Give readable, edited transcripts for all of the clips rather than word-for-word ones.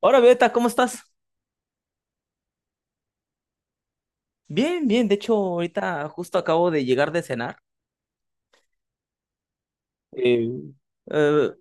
Hola, Beta, ¿cómo estás? Bien, bien. De hecho, ahorita justo acabo de llegar de cenar. Eh, eh,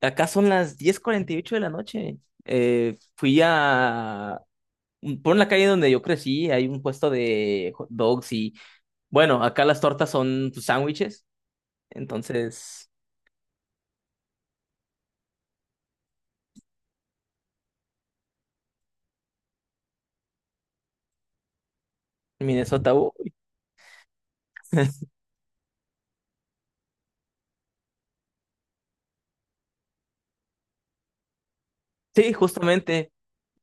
acá son las diez cuarenta y ocho de la noche. Fui a... Por la calle donde yo crecí hay un puesto de hot dogs y... Bueno, acá las tortas son pues, sándwiches. Entonces, en Minnesota... Sí, justamente.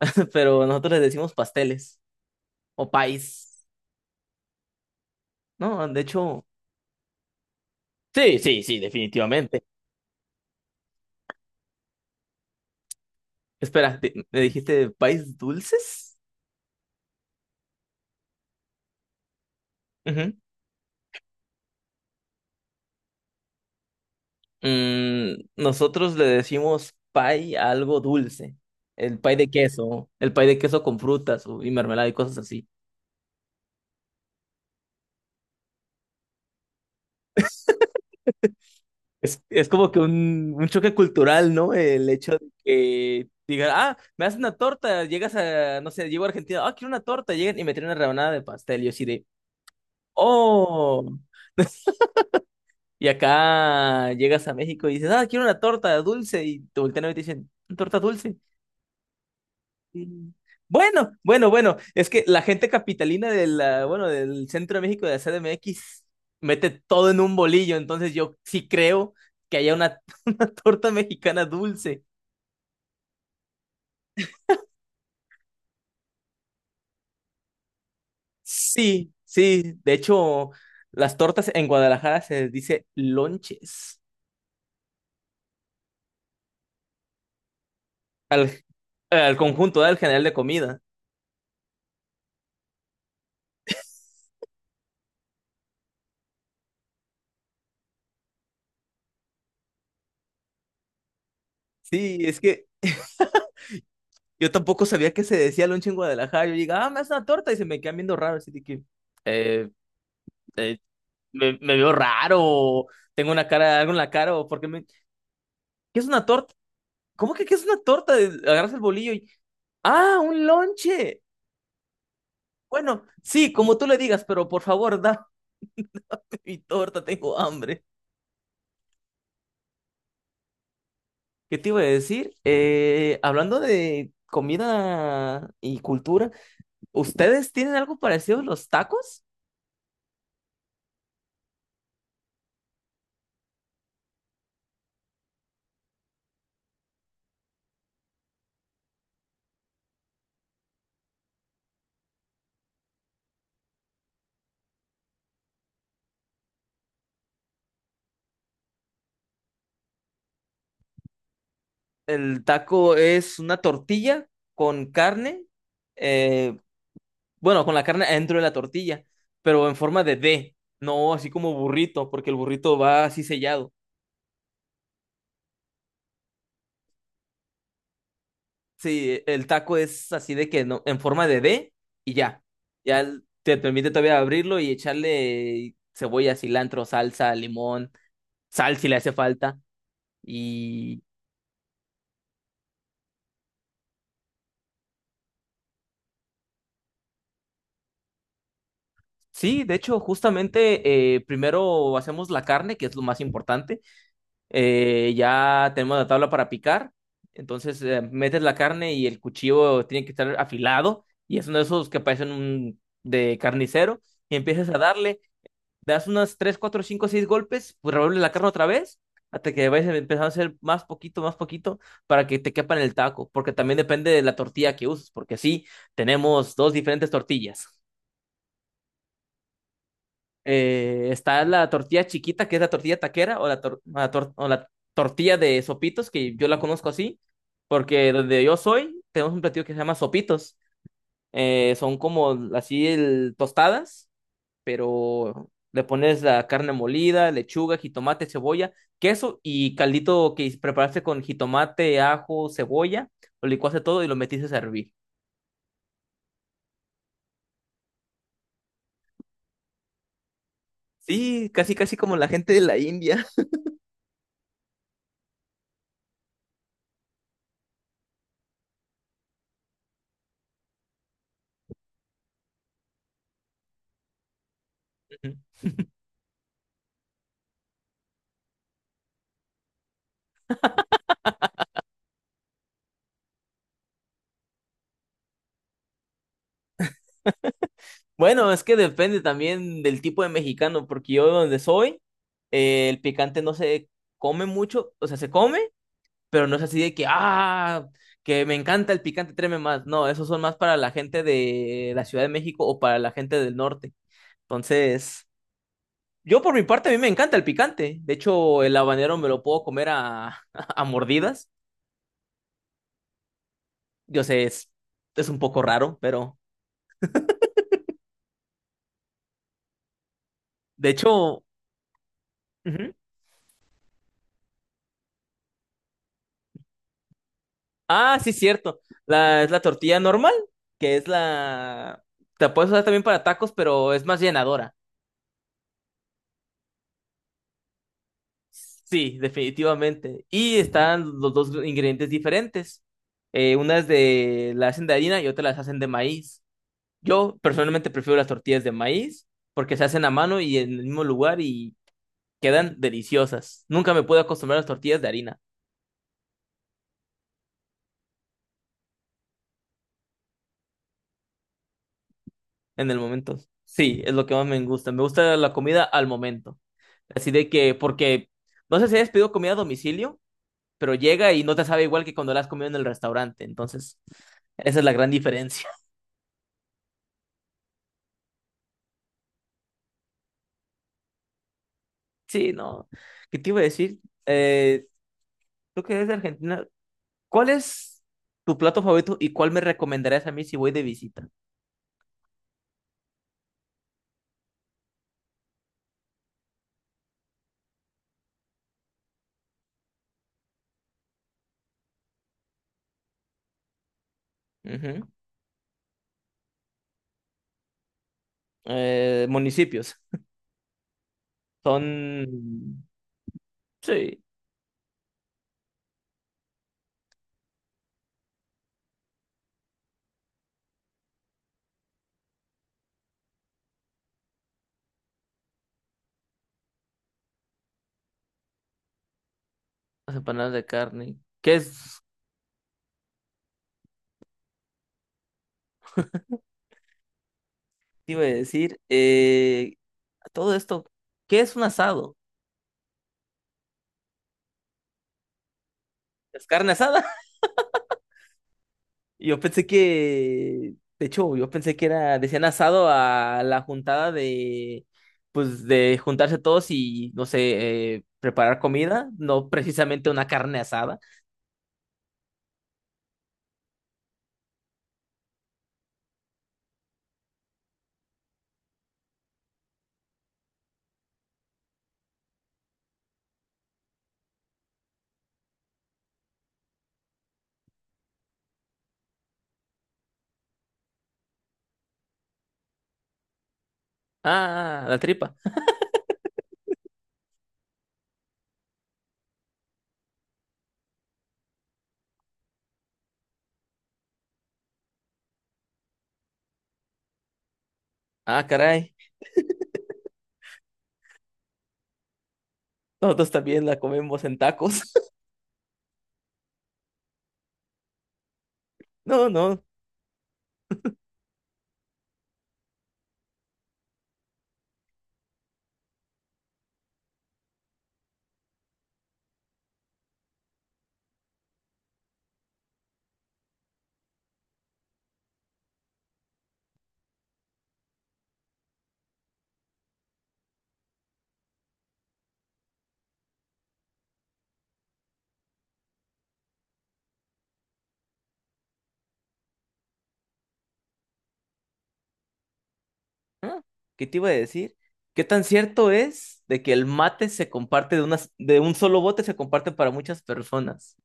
Pero nosotros les decimos pasteles o país. No, de hecho... Sí, sí, sí, definitivamente. Espera, ¿me dijiste país dulces? Ujú. Mm, nosotros le decimos pie a algo dulce. El pie de queso, el pie de queso con frutas y mermelada y cosas así. Es como que un choque cultural, ¿no? El hecho de que digan, ah, me haces una torta, llegas a, no sé, llego a Argentina, ah, quiero una torta, llegan y me traen una rebanada de pastel. Y yo así de, oh. Y acá llegas a México y dices, ah, quiero una torta dulce. Y te voltean a ver y te dicen, ¿torta dulce? Mm. Bueno, bueno, bueno, es que la gente capitalina del, ah, bueno, del Centro de México de la CDMX mete todo en un bolillo, entonces yo sí creo que haya una, una torta mexicana dulce. Sí, sí, de hecho, las tortas en Guadalajara se les dice lonches al, al conjunto del general de comida. Sí, es que yo tampoco sabía que se decía lonche en Guadalajara, yo digo, ah, me hace una torta y se me quedan viendo raro, así de que, eh, eh, me veo raro, tengo una cara, algo en la cara, o porque me... ¿Qué es una torta? ¿Cómo que qué es una torta? Agarras el bolillo y... ¡Ah, un lonche! Bueno, sí, como tú le digas, pero por favor, dame mi torta, tengo hambre. ¿Qué te iba a decir? Hablando de comida y cultura, ¿ustedes tienen algo parecido a los tacos? El taco es una tortilla con carne, eh, bueno, con la carne adentro de la tortilla, pero en forma de D, no así como burrito, porque el burrito va así sellado. Sí, el taco es así de que no, en forma de D y ya. Te permite todavía abrirlo y echarle cebolla, cilantro, salsa, limón, sal si le hace falta. Y sí, de hecho, justamente primero hacemos la carne, que es lo más importante. Ya tenemos la tabla para picar. Entonces metes la carne y el cuchillo tiene que estar afilado. Y es uno de esos que parecen un, de carnicero. Y empiezas a darle, das unas 3 4 5 6 golpes, pues revuelves la carne otra vez. Hasta que vayas empezando a hacer más poquito, para que te quepa en el taco. Porque también depende de la tortilla que uses. Porque sí, tenemos dos diferentes tortillas está la tortilla chiquita, que es la tortilla taquera, o la tortilla de sopitos, que yo la conozco así, porque donde yo soy, tenemos un platillo que se llama sopitos. Son como así tostadas, pero le pones la carne molida, lechuga, jitomate, cebolla, queso y caldito que preparaste con jitomate, ajo, cebolla, lo licuaste todo y lo metiste a hervir. Sí, casi casi como la gente de la India. Bueno, es que depende también del tipo de mexicano, porque yo donde soy, el picante no se come mucho, o sea, se come, pero no es así de que, ah, que me encanta el picante, tráeme más. No, esos son más para la gente de la Ciudad de México o para la gente del norte. Entonces, yo por mi parte, a mí me encanta el picante. De hecho, el habanero me lo puedo comer a, a mordidas. Yo sé, es un poco raro, pero de hecho... ujú. Ah, sí, cierto. Es la tortilla normal, que es la... Te puedes usar también para tacos, pero es más llenadora. Sí, definitivamente. Y están los dos ingredientes diferentes. Unas de la hacen de harina y otras las hacen de maíz. Yo personalmente prefiero las tortillas de maíz porque se hacen a mano y en el mismo lugar y quedan deliciosas. Nunca me puedo acostumbrar a las tortillas de harina. En el momento. Sí, es lo que más me gusta. Me gusta la comida al momento. Así de que, porque no sé si has pedido comida a domicilio, pero llega y no te sabe igual que cuando la has comido en el restaurante. Entonces, esa es la gran diferencia. Sí, no. ¿Qué te iba a decir? Eh, Creo que es de Argentina. ¿Cuál es tu plato favorito y cuál me recomendarías a mí si voy de visita? Ujú. Municipios. Son, sí, las empanadas de carne. ¿Qué es? Te iba a decir, todo esto, ¿qué es un asado? ¿Es carne asada? Yo pensé que, de hecho, yo pensé que era, decían asado a la juntada de, pues, de juntarse todos y, no sé, preparar comida, no precisamente una carne asada. Ah, ah, la tripa. Ah, caray. Nosotros también la comemos en tacos. No, no. Ah, ¿qué te iba a decir? ¿Qué tan cierto es de que el mate se comparte de unas, de un solo bote se comparte para muchas personas?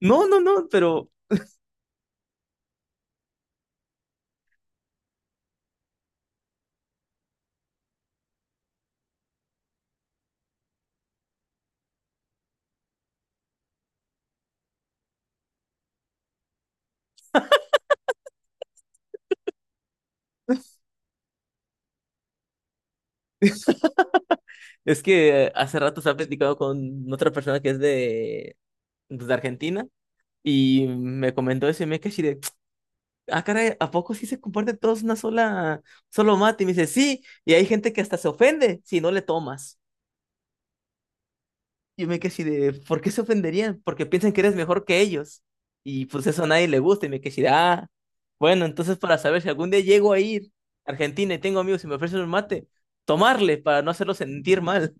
No, no, no, pero es que hace rato estaba platicando con otra persona que es de, pues, de Argentina y me comentó eso y me quedé así de, ah, caray, ¿a poco sí se comparten todos una sola, solo mate? Y me dice, sí, y hay gente que hasta se ofende si no le tomas. Y yo me quedé así de, ¿por qué se ofenderían? Porque piensan que eres mejor que ellos. Y pues eso a nadie le gusta y me quedé así de, ah, bueno, entonces para saber si algún día llego a ir a Argentina y tengo amigos y me ofrecen un mate, tomarle para no hacerlo sentir mal.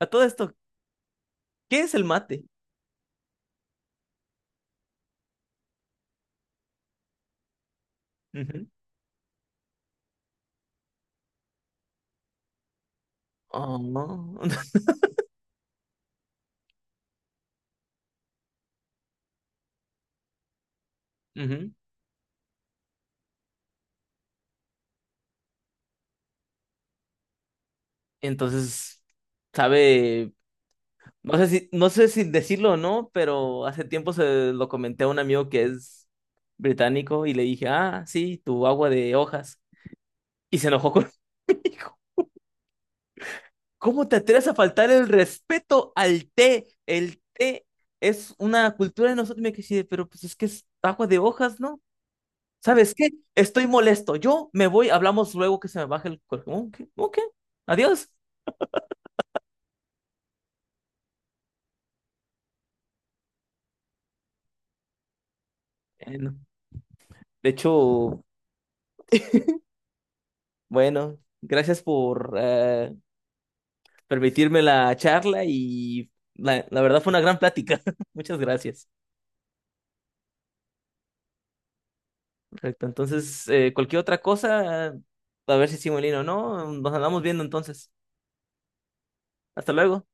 A todo esto, ¿qué es el mate? Oh. Ujú. Entonces, sabe, no sé si, no sé si decirlo o no, pero hace tiempo se lo comenté a un amigo que es británico y le dije, ah, sí, tu agua de hojas. Y se enojó conmigo. ¿Cómo te atreves a faltar el respeto al té? El té es una cultura de nosotros. Y me quedé, pero pues es que es agua de hojas, ¿no? ¿Sabes qué? Estoy molesto. Yo me voy, hablamos luego que se me baje el cuerpo. Ok, ok, adiós. No. De hecho, bueno, gracias por permitirme la charla y la verdad fue una gran plática. Muchas gracias. Perfecto. Entonces, cualquier otra cosa, a ver si Simulino o no, nos andamos viendo entonces. Hasta luego.